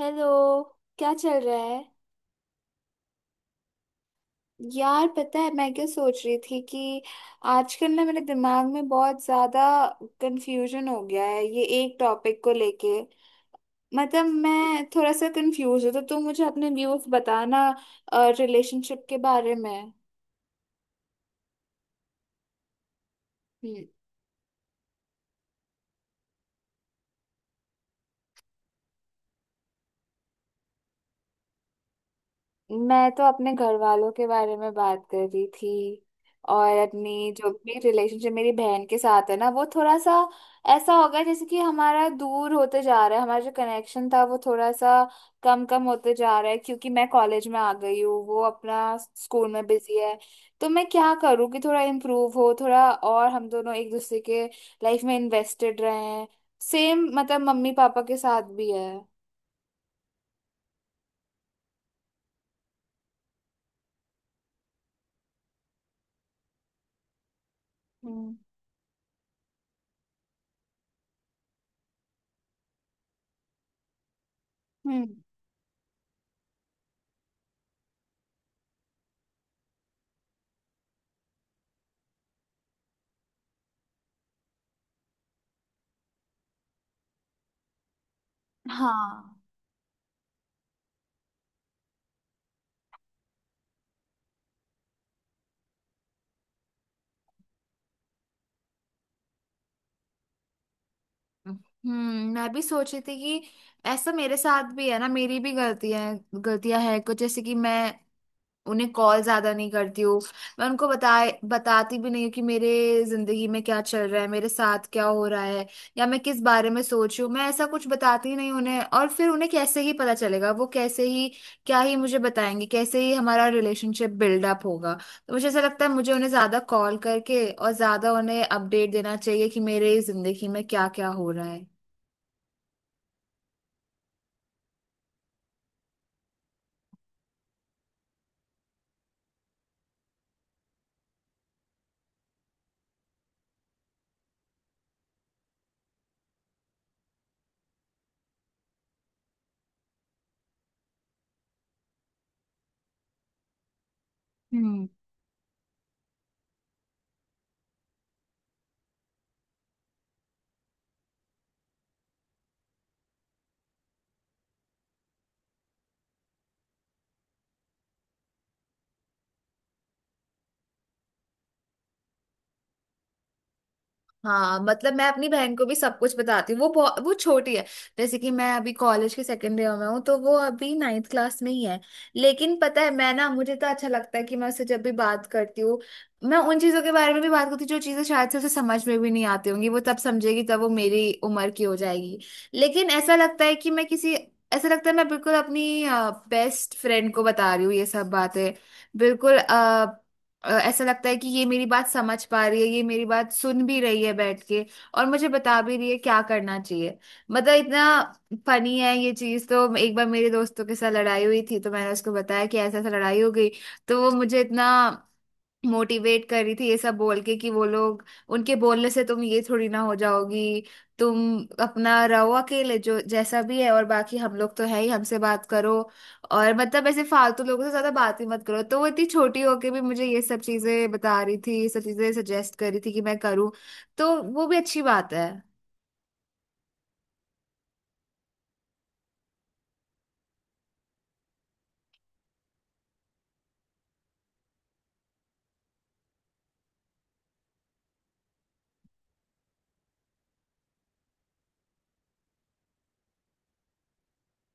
Hello. क्या चल रहा है? यार, पता है मैं क्या सोच रही थी? कि आजकल ना मेरे दिमाग में बहुत ज्यादा कंफ्यूजन हो गया है ये एक टॉपिक को लेके। मतलब मैं थोड़ा सा कंफ्यूज हूँ तो तुम मुझे अपने व्यूज बताना रिलेशनशिप के बारे में। हम्म। मैं तो अपने घर वालों के बारे में बात कर रही थी और अपनी जो भी रिलेशनशिप मेरी बहन के साथ है ना वो थोड़ा सा ऐसा हो गया, जैसे कि हमारा दूर होते जा रहा है, हमारा जो कनेक्शन था वो थोड़ा सा कम कम होते जा रहा है क्योंकि मैं कॉलेज में आ गई हूँ, वो अपना स्कूल में बिजी है। तो मैं क्या करूँ कि थोड़ा इम्प्रूव हो थोड़ा, और हम दोनों एक दूसरे के लाइफ में इन्वेस्टेड रहें। सेम मतलब मम्मी पापा के साथ भी है। हम्म। हम्म। हाँ। हम्म। मैं भी सोच रही थी कि ऐसा मेरे साथ भी है ना, मेरी भी गलतियां गलतियां है कुछ, जैसे कि मैं उन्हें कॉल ज्यादा नहीं करती हूँ, मैं उनको बताती भी नहीं हूँ कि मेरे जिंदगी में क्या चल रहा है, मेरे साथ क्या हो रहा है, या मैं किस बारे में सोच रही हूँ। मैं ऐसा कुछ बताती नहीं उन्हें, और फिर उन्हें कैसे ही पता चलेगा, वो कैसे ही क्या ही मुझे बताएंगे, कैसे ही हमारा रिलेशनशिप बिल्डअप होगा। तो मुझे ऐसा लगता है मुझे उन्हें ज्यादा कॉल करके और ज्यादा उन्हें अपडेट देना चाहिए कि मेरे जिंदगी में क्या क्या हो रहा है। हम्म। हाँ मतलब मैं अपनी बहन को भी सब कुछ बताती हूँ। वो छोटी है। जैसे कि मैं अभी कॉलेज के सेकेंड ईयर में हूँ तो वो अभी 9th क्लास में ही है। लेकिन पता है मैं ना, मुझे तो अच्छा लगता है कि मैं उससे जब भी बात करती हूँ, मैं उन चीज़ों के बारे में भी बात करती हूँ जो चीज़ें शायद से उसे समझ में भी नहीं आती होंगी, वो तब समझेगी तब वो मेरी उम्र की हो जाएगी। लेकिन ऐसा लगता है मैं बिल्कुल अपनी बेस्ट फ्रेंड को बता रही हूँ ये सब बातें। बिल्कुल। ऐसा लगता है कि ये मेरी बात समझ पा रही है, ये मेरी बात सुन भी रही है बैठ के, और मुझे बता भी रही है क्या करना चाहिए। मतलब इतना फनी है ये चीज। तो एक बार मेरे दोस्तों के साथ लड़ाई हुई थी तो मैंने उसको बताया कि ऐसा ऐसा लड़ाई हो गई। तो वो मुझे इतना मोटिवेट कर रही थी, ये सब बोल के कि वो लोग, उनके बोलने से तुम ये थोड़ी ना हो जाओगी, तुम अपना रहो अकेले जो जैसा भी है, और बाकी हम लोग तो है ही, हमसे बात करो और मतलब ऐसे फालतू लोगों से ज्यादा बात ही मत करो। तो वो इतनी छोटी होके भी मुझे ये सब चीजें बता रही थी, ये सब चीजें सजेस्ट कर रही थी कि मैं करूँ। तो वो भी अच्छी बात है।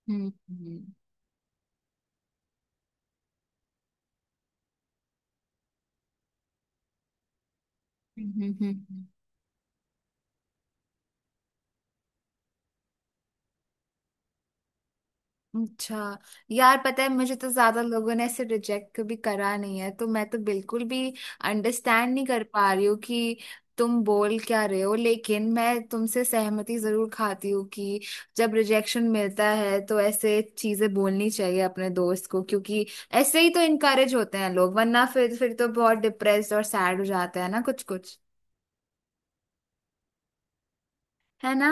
हम्म। हम्म। हम्म। अच्छा। यार पता है मुझे तो ज्यादा लोगों ने ऐसे रिजेक्ट कभी करा नहीं है तो मैं तो बिल्कुल भी अंडरस्टैंड नहीं कर पा रही हूँ कि तुम बोल क्या रहे हो। लेकिन मैं तुमसे सहमति जरूर खाती हूँ कि जब रिजेक्शन मिलता है तो ऐसे चीजें बोलनी चाहिए अपने दोस्त को, क्योंकि ऐसे ही तो इनकरेज होते हैं लोग, वरना फिर तो बहुत डिप्रेस्ड और सैड हो जाते हैं ना कुछ कुछ। है ना?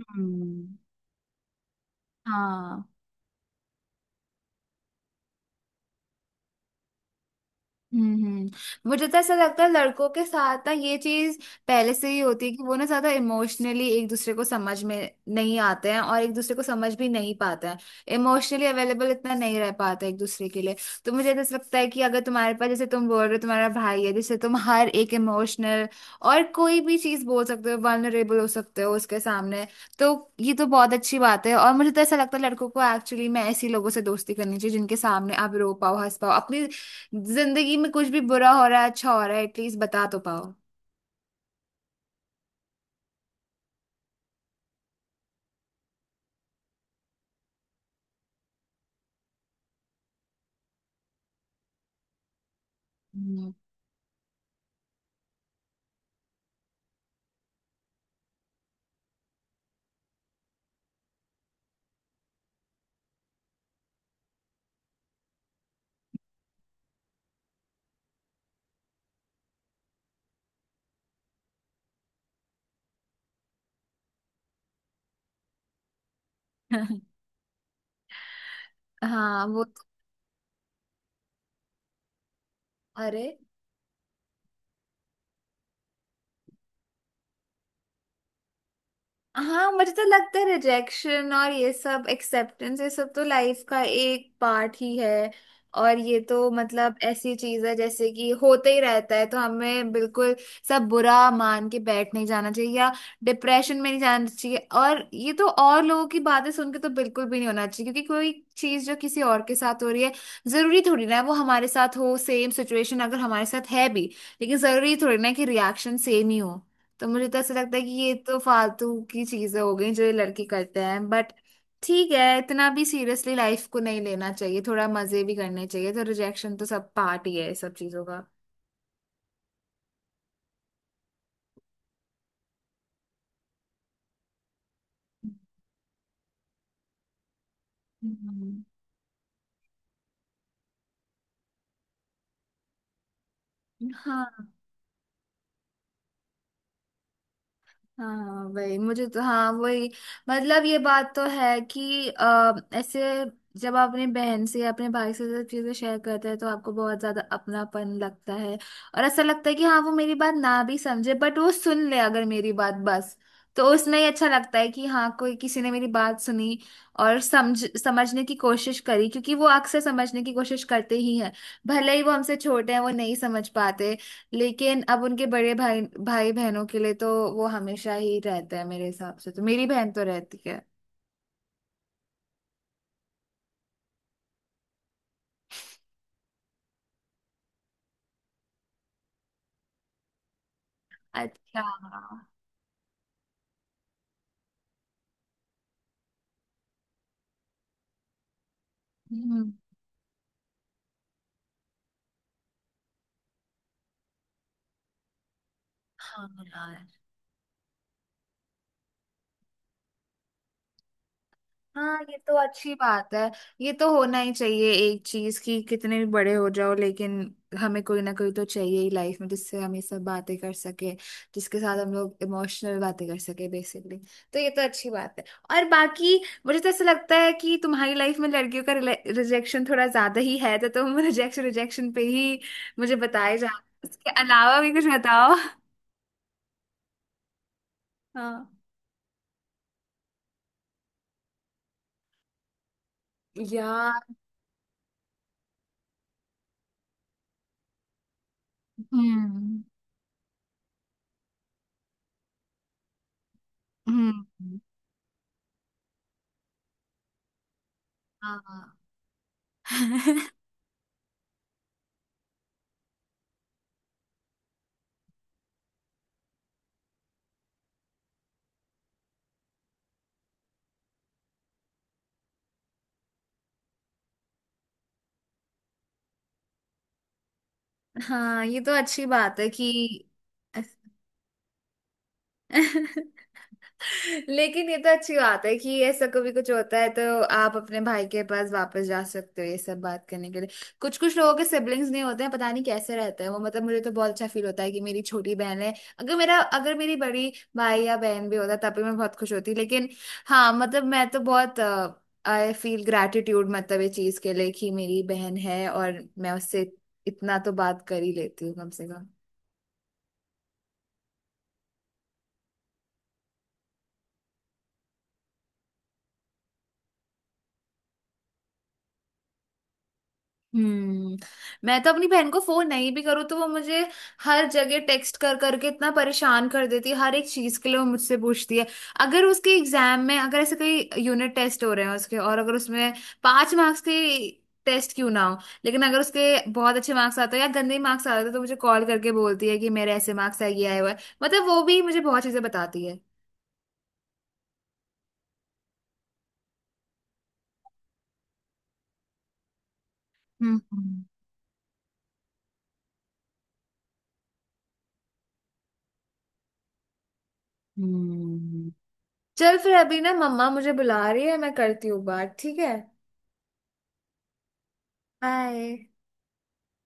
हम्म। हाँ। हम्म। हम्म। मुझे तो ऐसा लगता है लड़कों के साथ ना ये चीज पहले से ही होती है कि वो ना ज्यादा इमोशनली एक दूसरे को समझ में नहीं आते हैं, और एक दूसरे को समझ भी नहीं पाते हैं, इमोशनली अवेलेबल इतना नहीं रह पाते एक दूसरे के लिए। तो मुझे तो ऐसा लगता है कि अगर तुम्हारे पास, जैसे तुम बोल रहे हो, तुम्हारा भाई है जिससे तुम हर एक इमोशनल और कोई भी चीज बोल सकते हो, वल्नरेबल हो सकते हो उसके सामने, तो ये तो बहुत अच्छी बात है। और मुझे तो ऐसा लगता है लड़कों को एक्चुअली में ऐसे लोगों से दोस्ती करनी चाहिए जिनके सामने आप रो पाओ हंस पाओ, अपनी जिंदगी में कुछ भी बुरा हो रहा है अच्छा हो रहा है एटलीस्ट बता तो पाओ। हम्म। हाँ वो तो- अरे। हाँ मुझे तो लगता है रिजेक्शन और ये सब एक्सेप्टेंस ये सब तो लाइफ का एक पार्ट ही है, और ये तो मतलब ऐसी चीज है जैसे कि होते ही रहता है, तो हमें बिल्कुल सब बुरा मान के बैठ नहीं जाना चाहिए या डिप्रेशन में नहीं जाना चाहिए। और ये तो और लोगों की बातें सुन के तो बिल्कुल भी नहीं होना चाहिए, क्योंकि कोई चीज जो किसी और के साथ हो रही है जरूरी थोड़ी ना है वो हमारे साथ हो। सेम सिचुएशन अगर हमारे साथ है भी, लेकिन जरूरी थोड़ी ना है कि रिएक्शन सेम ही हो। तो मुझे तो ऐसा लगता है कि ये तो फालतू की चीजें हो गई जो ये लड़के करते हैं, बट ठीक है, इतना भी सीरियसली लाइफ को नहीं लेना चाहिए, थोड़ा मजे भी करने चाहिए। तो रिजेक्शन तो सब पार्ट ही है इस सब चीजों का। हम्म, हाँ। हाँ वही, मुझे तो, हाँ वही मतलब ये बात तो है कि ऐसे जब आप अपनी बहन से या अपने भाई से सब चीजें शेयर करते हैं तो आपको बहुत ज्यादा अपनापन लगता है। और ऐसा लगता है कि हाँ वो मेरी बात ना भी समझे बट वो सुन ले अगर मेरी बात बस, तो उसमें ही अच्छा लगता है कि हाँ कोई किसी ने मेरी बात सुनी और समझने की कोशिश करी, क्योंकि वो अक्सर समझने की कोशिश करते ही हैं भले ही वो हमसे छोटे हैं, वो नहीं समझ पाते लेकिन अब उनके बड़े भाई भाई बहनों के लिए तो वो हमेशा ही रहते हैं मेरे हिसाब से, तो मेरी बहन तो रहती है। अच्छा। हाँ। हम्म। हाँ। यार हाँ, ये तो अच्छी बात है। ये तो होना ही चाहिए एक चीज की कितने भी बड़े हो जाओ लेकिन हमें कोई ना कोई तो चाहिए ही लाइफ में जिससे हम ये सब बातें कर सके, जिसके साथ हम लोग इमोशनल बातें कर सके बेसिकली। तो ये तो अच्छी बात है। और बाकी मुझे तो ऐसा लगता है कि तुम्हारी लाइफ में लड़कियों का रिजेक्शन थोड़ा ज्यादा ही है तो तुम रिजेक्शन रिजेक्शन पे ही मुझे बताए जा, इसके अलावा भी कुछ बताओ। हाँ यार। हम्म। हम्म। हाँ। हाँ ये तो अच्छी बात है कि। लेकिन ये तो अच्छी बात है कि ऐसा कभी कुछ होता है तो आप अपने भाई के पास वापस जा सकते हो ये सब बात करने के लिए। कुछ कुछ लोगों के सिबलिंग्स नहीं होते हैं, पता नहीं कैसे रहते हैं वो। मतलब मुझे तो बहुत अच्छा फील होता है कि मेरी छोटी बहन है। अगर मेरी बड़ी भाई या बहन भी होता तब भी मैं बहुत खुश होती लेकिन हाँ, मतलब मैं तो बहुत आई फील ग्रैटिट्यूड मतलब ये चीज के लिए कि मेरी बहन है और मैं उससे इतना तो बात कर ही लेती हूँ कम से कम। हम्म। मैं तो अपनी बहन को फोन नहीं भी करूँ तो वो मुझे हर जगह टेक्स्ट कर करके इतना परेशान कर देती है। हर एक चीज के लिए वो मुझसे पूछती है, अगर उसके एग्जाम में अगर ऐसे कोई यूनिट टेस्ट हो रहे हैं उसके, और अगर उसमें 5 मार्क्स के टेस्ट क्यों ना हो, लेकिन अगर उसके बहुत अच्छे मार्क्स आते हैं या गंदे मार्क्स आते हैं तो मुझे कॉल करके बोलती है कि मेरे ऐसे मार्क्स आए, ये आए हुए हैं। मतलब वो भी मुझे बहुत चीजें बताती है। हम्म। हम्म। हम्म। चल फिर, अभी ना मम्मा मुझे बुला रही है, मैं करती हूँ बात, ठीक है? बाय।